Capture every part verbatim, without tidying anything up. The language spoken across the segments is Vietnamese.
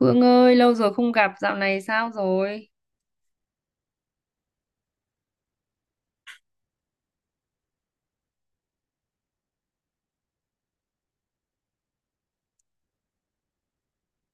Hương ơi, lâu rồi không gặp, dạo này sao rồi?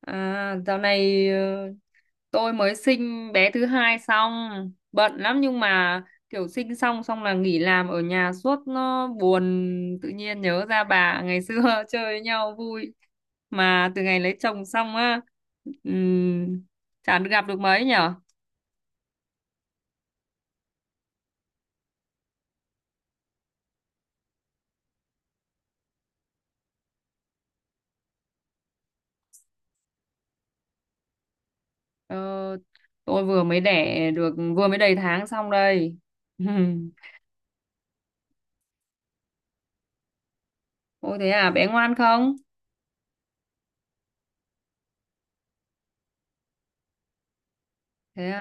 À, dạo này ờ, tôi mới sinh bé thứ hai xong, bận lắm nhưng mà kiểu sinh xong xong là nghỉ làm ở nhà suốt nó buồn, tự nhiên nhớ ra bà ngày xưa chơi với nhau vui. Mà từ ngày lấy chồng xong á, ừm, chả được gặp được mấy nhở? Ờ, tôi vừa mới đẻ được, vừa mới đầy tháng xong đây. Ôi thế à, bé ngoan không? Thế à?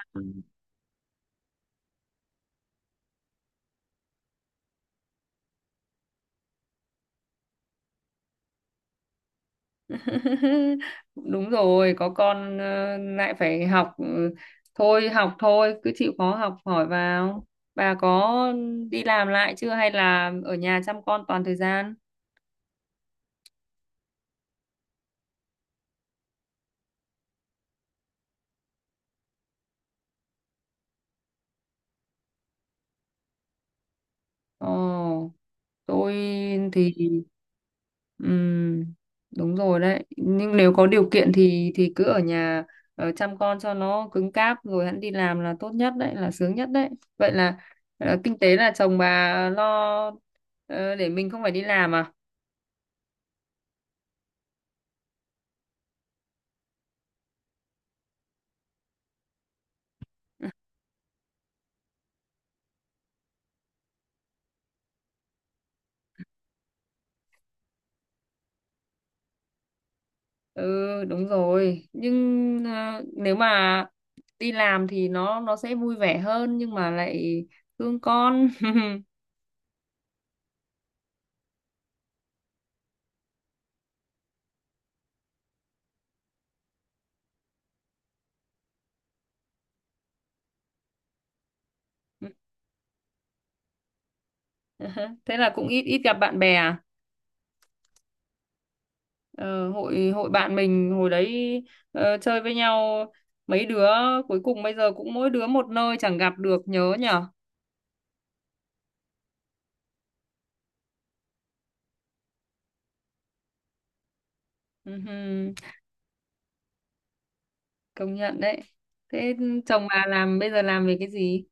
Đúng rồi, có con ờ, lại phải học, ừ, thôi học thôi, cứ chịu khó học hỏi vào. Bà có đi làm lại chưa hay là ở nhà chăm con toàn thời gian? Ồ, tôi thì ừm, đúng rồi đấy. Nhưng nếu có điều kiện thì thì cứ ở nhà ờ, chăm con cho nó cứng cáp rồi hẵng đi làm là tốt nhất đấy, là sướng nhất đấy. Vậy là ờ, kinh tế là chồng bà lo ờ, để mình không phải đi làm à? Ừ đúng rồi, nhưng à, nếu mà đi làm thì nó nó sẽ vui vẻ hơn nhưng mà lại thương con. Thế là cũng ít ít gặp bạn bè à. Ờ, hội hội bạn mình hồi đấy ờ, chơi với nhau mấy đứa, cuối cùng bây giờ cũng mỗi đứa một nơi chẳng gặp được nhớ nhở. Ừhừ, công nhận đấy. Thế chồng bà làm bây giờ làm về cái gì?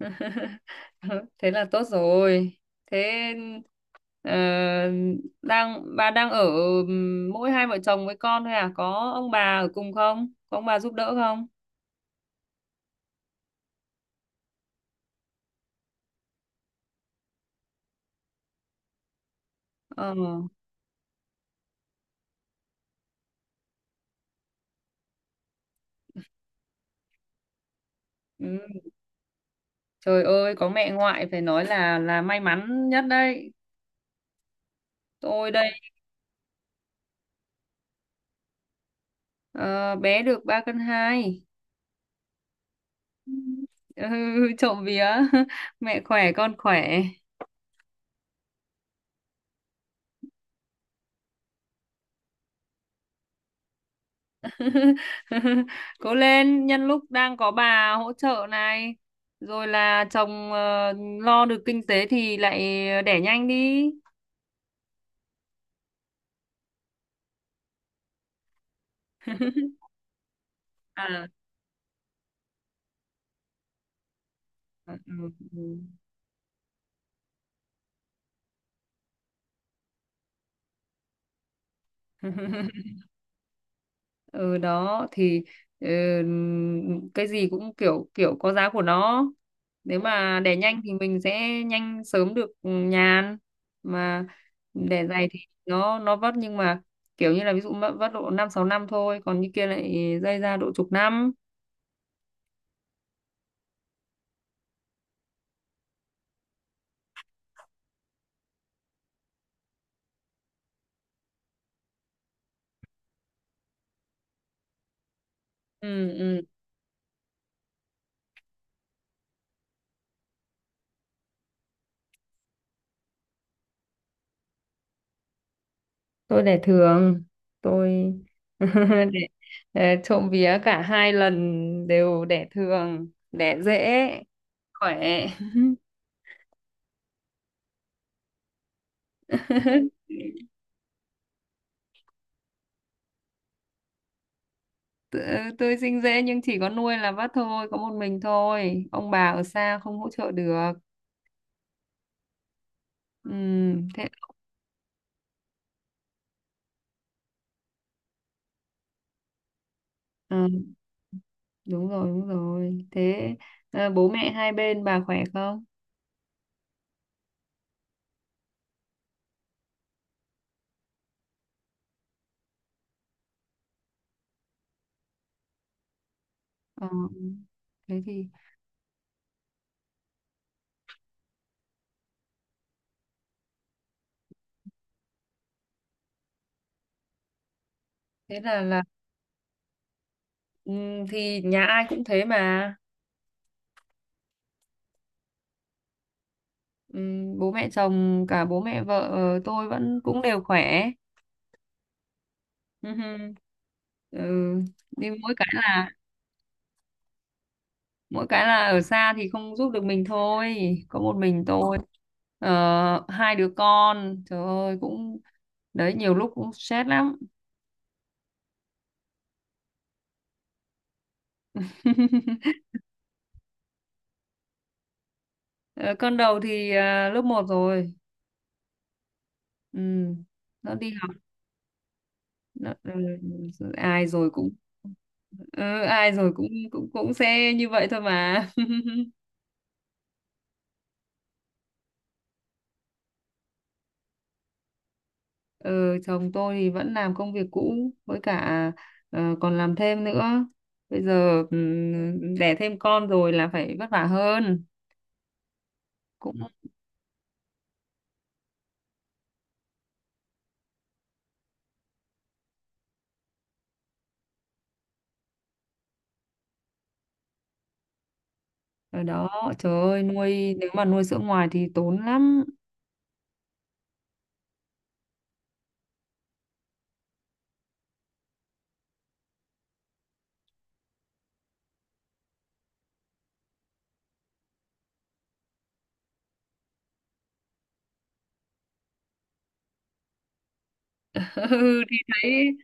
Thế là tốt rồi. Thế ờ, đang bà đang ở ừm, mỗi hai vợ chồng với con thôi à, có ông bà ở cùng không, có ông bà giúp đỡ không? Ờ. Ừ. Trời ơi, có mẹ ngoại phải nói là là may mắn nhất đấy. Tôi đây, ờ, bé được ba cân hai. Ừ, trộm vía. Mẹ khỏe con khỏe. Cố lên, nhân lúc đang có bà hỗ trợ này, rồi là chồng ờ, lo được kinh tế thì lại đẻ nhanh đi. À ừ, ừ. Ừ đó thì, ừ, cái gì cũng kiểu kiểu có giá của nó, nếu mà đẻ nhanh thì mình sẽ nhanh sớm được nhàn, mà đẻ dày thì nó nó vất, nhưng mà kiểu như là ví dụ mất- vất độ năm sáu năm thôi, còn như kia lại dây ra độ chục năm. Ừ ừ, tôi để thường. Tôi để, để trộm vía cả hai lần đều đẻ thường đẻ dễ khỏe. Tự- tôi sinh dễ nhưng chỉ có nuôi là vắt thôi, có một mình thôi, ông bà ở xa không hỗ trợ được. Ừ, thế ờ, đúng rồi đúng rồi. Thế ờ, bố mẹ hai bên bà khỏe không? Ờ, thế thì thế là là, ừ, thì nhà ai cũng thế mà. Ừm, bố mẹ chồng cả bố mẹ vợ, ờ, tôi vẫn cũng đều khỏe. Ừ. Hừ. Ừ, nhưng mỗi cái là mỗi cái là ở xa thì không giúp được mình thôi, có một mình tôi. Ờ, hai đứa con trời ơi cũng, đấy nhiều lúc cũng stress lắm. Ờ, con đầu thì à, lớp một rồi. Ừ. Nó đi học. nó, ừ, ai rồi cũng, ừ, ai rồi cũng cũng cũng sẽ như vậy thôi mà. Ừ, chồng tôi thì vẫn làm công việc cũ, với cả ờ, còn làm thêm nữa. Bây giờ ừm, đẻ thêm con rồi là phải vất vả hơn. Cũng ở đó, trời ơi, nuôi nếu mà nuôi sữa ngoài thì tốn lắm. Ừ, thì thấy.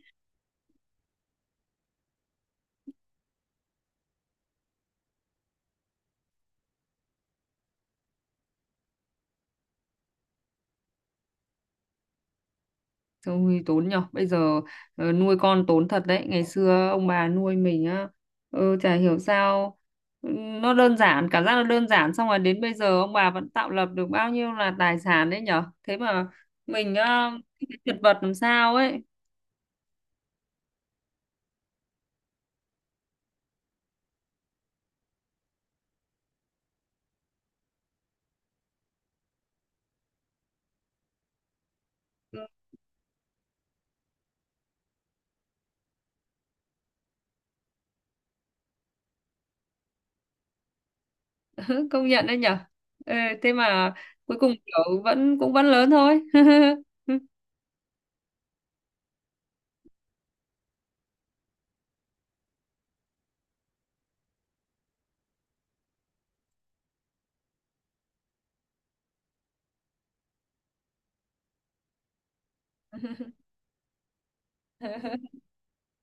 Ôi, tốn nhở bây giờ, ờ, nuôi con tốn thật đấy, ngày xưa ông bà nuôi mình á, ừ, chả hiểu sao, ừ, nó đơn giản cảm giác nó đơn giản, xong rồi đến bây giờ ông bà vẫn tạo lập được bao nhiêu là tài sản đấy nhở, thế mà mình á, chật vật làm sao ấy. Ừ. Công nhận đấy nhở. Ê, thế mà cuối cùng kiểu vẫn cũng vẫn lớn thôi.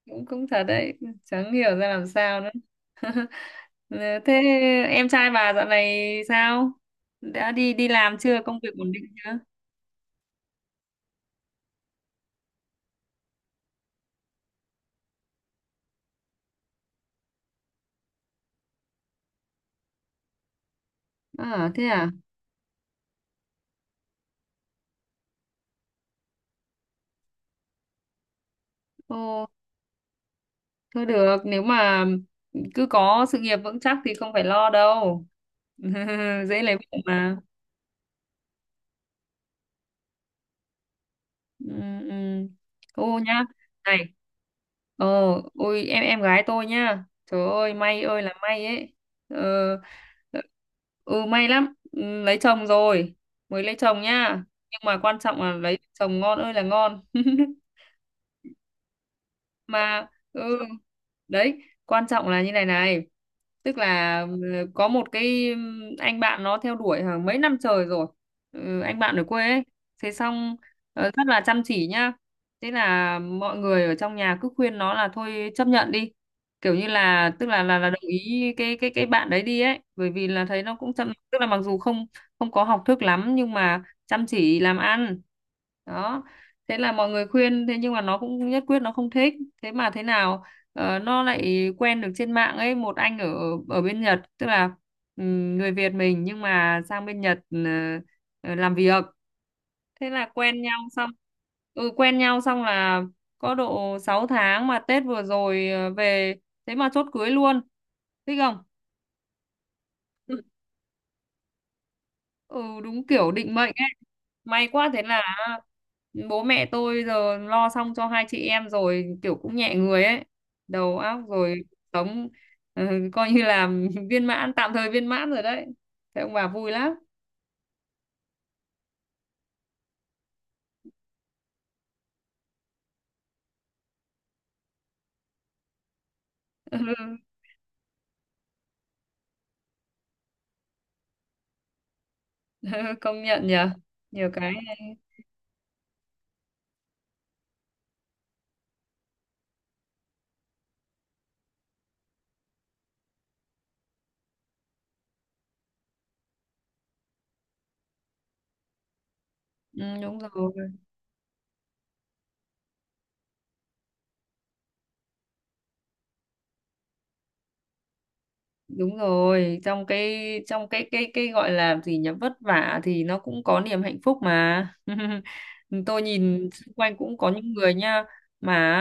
cũng cũng thật đấy, chẳng hiểu ra làm sao nữa. Ờ. Thế em trai bà dạo này sao? Đã đi đi làm chưa? Công việc ổn định chưa? À thế à? Ồ, thôi được, nếu mà cứ có sự nghiệp vững chắc thì không phải lo đâu. Dễ lấy vợ mà. Ừ, ừ. Ô nhá. Này, ờ. Ôi em em gái tôi nhá, trời ơi may ơi là may ấy. ờ, ờ, ừ may lắm. Ừ, lấy chồng rồi, mới lấy chồng nhá, nhưng mà quan trọng là lấy chồng ngon ơi là ngon. Mà ừ, đấy quan trọng là như này này. Tức là ừ, có một cái ừm, anh bạn nó theo đuổi hàng mấy năm trời rồi, ừ, anh bạn ở quê ấy, thế xong ờ, rất là chăm chỉ nhá. Thế là mọi người ở trong nhà cứ khuyên nó là thôi chấp nhận đi, kiểu như là tức là là, là đồng ý cái cái cái bạn đấy đi ấy, bởi vì là thấy nó cũng chăm, tức là mặc dù không không có học thức lắm nhưng mà chăm chỉ làm ăn. Đó, thế là mọi người khuyên thế nhưng mà nó cũng nhất quyết nó không thích. Thế mà thế nào, ờ, nó lại quen được trên mạng ấy một anh ở ở bên Nhật, tức là ừm, người Việt mình nhưng mà sang bên Nhật ờ, ờ, làm việc. Thế là quen nhau xong, ừ quen nhau xong là có độ sáu tháng, mà Tết vừa rồi ờ, về, thế mà chốt cưới luôn, thích không? Ừ đúng kiểu định mệnh. May quá, thế là bố mẹ tôi giờ lo xong cho hai chị em rồi, kiểu cũng nhẹ người ấy. Đầu óc rồi sống, ừ, coi như là viên mãn tạm thời viên mãn rồi đấy. Thế ông bà vui lắm. Công nhận nhờ. Nhiều cái, ừ, đúng rồi. Đúng rồi, trong cái trong cái cái cái gọi là gì nhỉ, vất vả thì nó cũng có niềm hạnh phúc mà. Tôi nhìn xung quanh cũng có những người nha, mà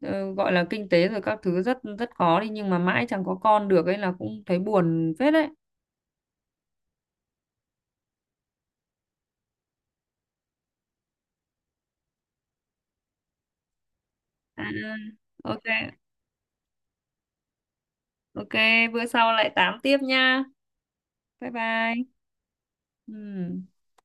ờ, gọi là kinh tế rồi các thứ rất rất khó đi nhưng mà mãi chẳng có con được ấy là cũng thấy buồn phết đấy. À, ok ok, bữa sau lại tám tiếp nha. Bye bye. Ừ.